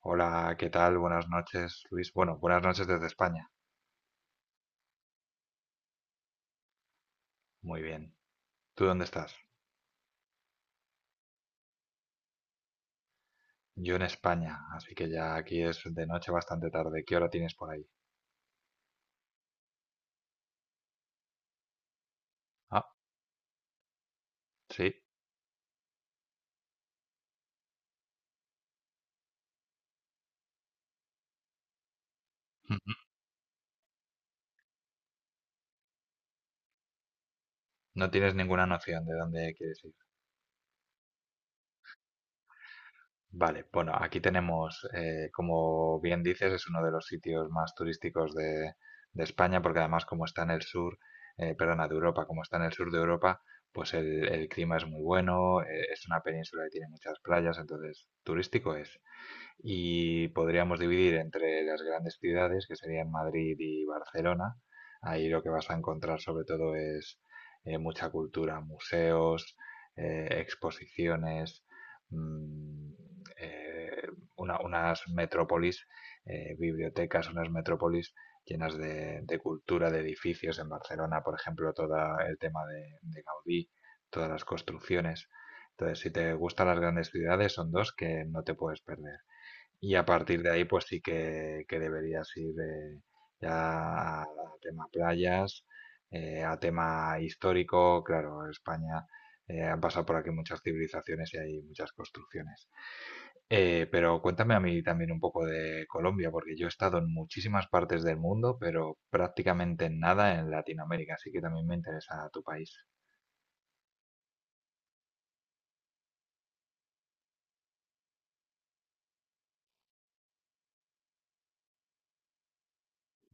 Hola, ¿qué tal? Buenas noches, Luis. Bueno, buenas noches desde España. Muy bien. ¿Tú dónde estás? Yo en España, así que ya aquí es de noche bastante tarde. ¿Qué hora tienes por ahí? Ah, sí. Ujú. No tienes ninguna noción de dónde quieres ir. Vale, bueno, aquí tenemos, como bien dices, es uno de los sitios más turísticos de España, porque además como está en el sur, perdona, de Europa, como está en el sur de Europa, pues el clima es muy bueno, es una península que tiene muchas playas, entonces turístico es. Y podríamos dividir entre las grandes ciudades, que serían Madrid y Barcelona. Ahí lo que vas a encontrar sobre todo es mucha cultura, museos, exposiciones, mm, eh, unas metrópolis, bibliotecas, unas metrópolis llenas de cultura, de edificios. En Barcelona, por ejemplo, todo el tema de Gaudí, todas las construcciones. Entonces, si te gustan las grandes ciudades, son dos que no te puedes perder. Y a partir de ahí, pues sí que deberías ir ya a tema playas, a tema histórico. Claro, España han pasado por aquí muchas civilizaciones y hay muchas construcciones. Pero cuéntame a mí también un poco de Colombia, porque yo he estado en muchísimas partes del mundo, pero prácticamente en nada en Latinoamérica, así que también me interesa tu país.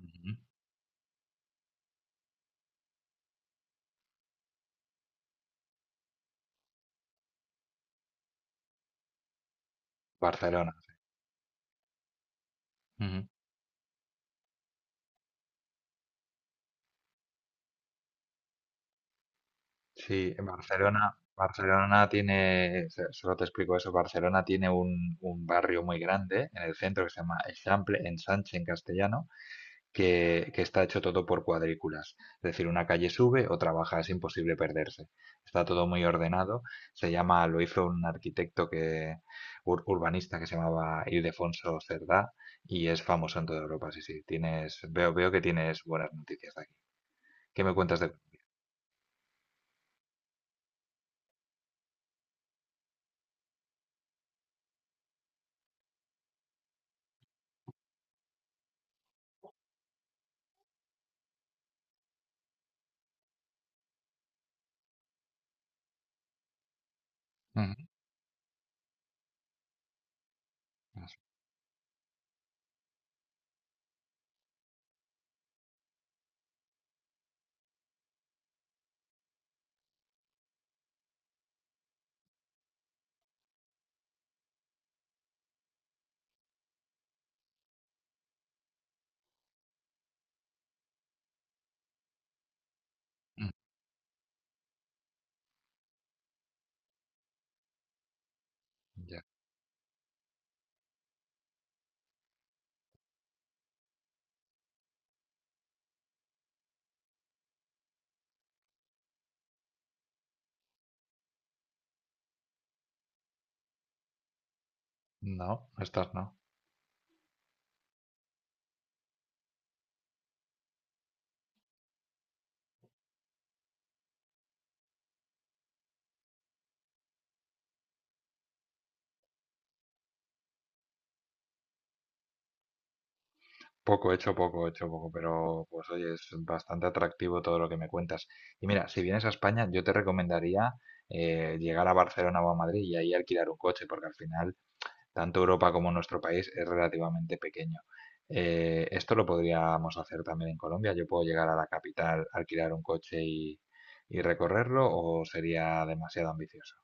Ujú. Barcelona. Sí, en Barcelona, Barcelona tiene, solo te explico eso, Barcelona tiene un barrio muy grande en el centro que se llama Eixample, Ensanche en castellano, que está hecho todo por cuadrículas. Es decir, una calle sube, otra baja, es imposible perderse. Está todo muy ordenado. Se llama, lo hizo un arquitecto que, urbanista que se llamaba Ildefonso Cerdá y es famoso en toda Europa. Sí, sí, tienes, veo que tienes buenas noticias de aquí. ¿Qué me cuentas de...? Ujú, ujú, ya. No, estas no. Poco hecho, poco hecho, poco, pero pues oye, es bastante atractivo todo lo que me cuentas. Y mira, si vienes a España, yo te recomendaría llegar a Barcelona o a Madrid y ahí alquilar un coche, porque al final tanto Europa como nuestro país es relativamente pequeño. Esto lo podríamos hacer también en Colombia. Yo puedo llegar a la capital, alquilar un coche y recorrerlo, o sería demasiado ambicioso.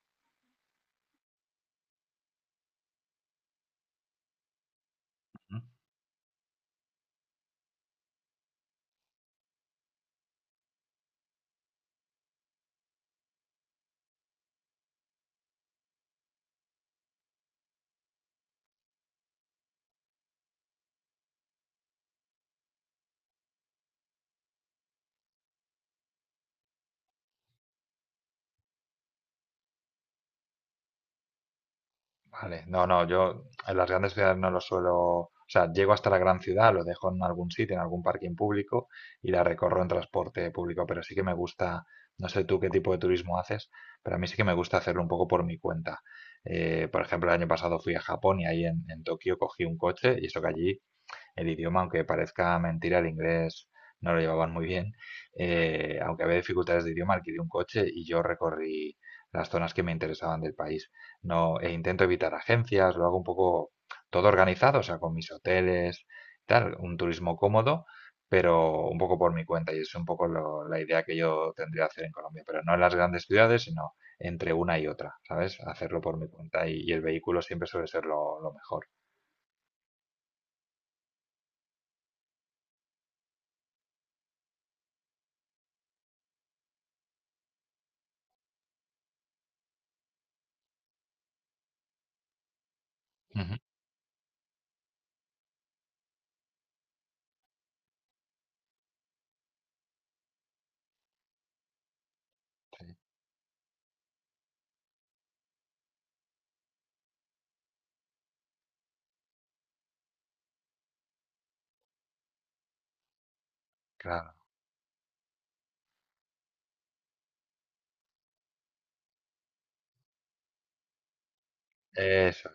Vale, no, no, yo en las grandes ciudades no lo suelo, o sea, llego hasta la gran ciudad, lo dejo en algún sitio, en algún parking público y la recorro en transporte público, pero sí que me gusta, no sé tú qué tipo de turismo haces, pero a mí sí que me gusta hacerlo un poco por mi cuenta. Por ejemplo, el año pasado fui a Japón y ahí en Tokio cogí un coche y eso que allí el idioma, aunque parezca mentira, el inglés no lo llevaban muy bien. Eh, aunque había dificultades de idioma, alquilé un coche y yo recorrí las zonas que me interesaban del país. No, e intento evitar agencias, lo hago un poco todo organizado, o sea, con mis hoteles, tal, un turismo cómodo, pero un poco por mi cuenta. Y es un poco la idea que yo tendría que hacer en Colombia, pero no en las grandes ciudades, sino entre una y otra, ¿sabes? Hacerlo por mi cuenta y el vehículo siempre suele ser lo mejor. Ujú, sí, claro. Eso.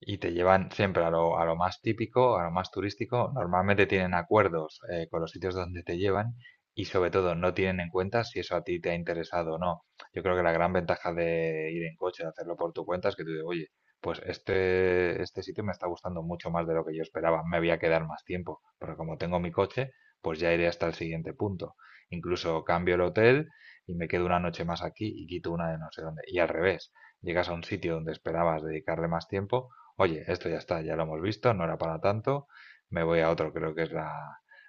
Y te llevan siempre a lo más típico, a lo más turístico. Normalmente tienen acuerdos con los sitios donde te llevan y sobre todo no tienen en cuenta si eso a ti te ha interesado o no. Yo creo que la gran ventaja de ir en coche, de hacerlo por tu cuenta, es que tú dices, oye, pues este sitio me está gustando mucho más de lo que yo esperaba. Me voy a quedar más tiempo, porque como tengo mi coche, pues ya iré hasta el siguiente punto. Incluso cambio el hotel y me quedo una noche más aquí y quito una de no sé dónde. Y al revés, llegas a un sitio donde esperabas dedicarle más tiempo, oye, esto ya está, ya lo hemos visto, no era para tanto, me voy a otro, creo que es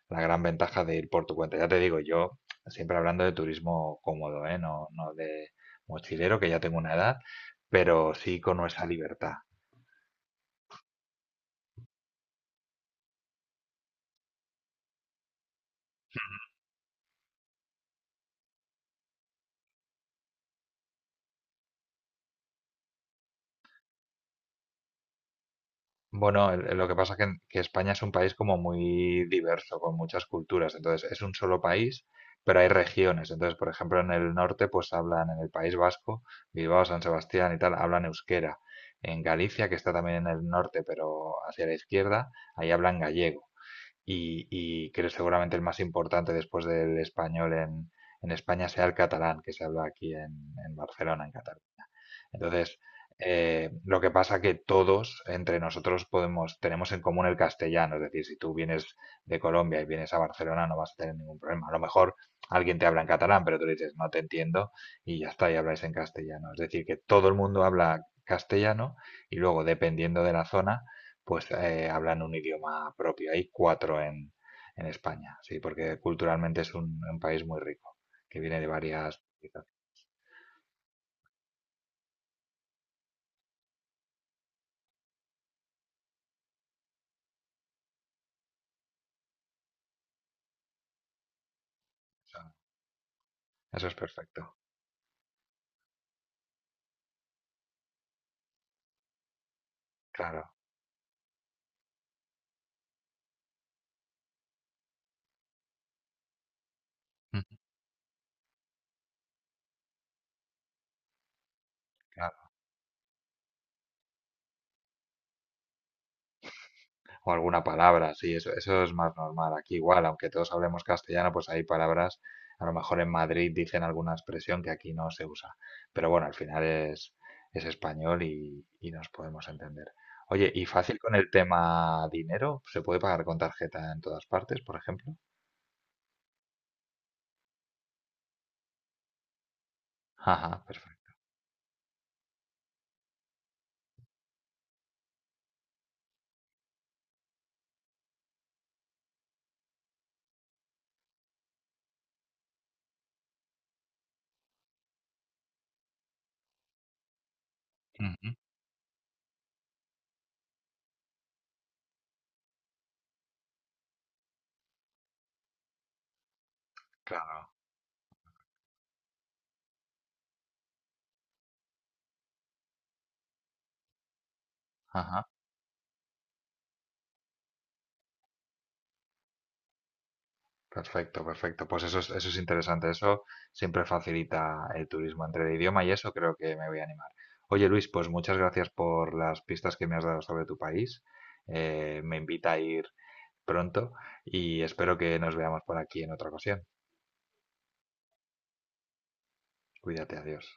la gran ventaja de ir por tu cuenta. Ya te digo, yo siempre hablando de turismo cómodo, ¿eh? No, no de mochilero, que ya tengo una edad, pero sí con esa libertad. Bueno, lo que pasa es que España es un país como muy diverso, con muchas culturas. Entonces, es un solo país, pero hay regiones. Entonces, por ejemplo, en el norte, pues hablan en el País Vasco, Bilbao, San Sebastián y tal, hablan euskera. En Galicia, que está también en el norte, pero hacia la izquierda, ahí hablan gallego y que seguramente el más importante después del español en España sea el catalán que se habla aquí en Barcelona, en Cataluña. Entonces, lo que pasa que todos entre nosotros podemos, tenemos en común el castellano, es decir, si tú vienes de Colombia y vienes a Barcelona no vas a tener ningún problema. A lo mejor alguien te habla en catalán, pero tú le dices no te entiendo y ya está, y habláis en castellano. Es decir, que todo el mundo habla castellano y luego, dependiendo de la zona, pues hablan un idioma propio. Hay cuatro en España, sí, porque culturalmente es un país muy rico, que viene de varias civilizaciones. Eso, eso es perfecto, claro. Ujú. Claro. O alguna palabra, sí, eso es más normal. Aquí igual, aunque todos hablemos castellano, pues hay palabras, a lo mejor en Madrid dicen alguna expresión que aquí no se usa. Pero bueno, al final es español y nos podemos entender. Oye, ¿y fácil con el tema dinero? ¿Se puede pagar con tarjeta en todas partes, por ejemplo? Ajá, perfecto. Ujú, claro. Ajá, perfecto, perfecto. Pues eso es interesante. Eso siempre facilita el turismo entre el idioma y eso creo que me voy a animar. Oye, Luis, pues muchas gracias por las pistas que me has dado sobre tu país. Me invita a ir pronto y espero que nos veamos por aquí en otra ocasión. Cuídate, adiós.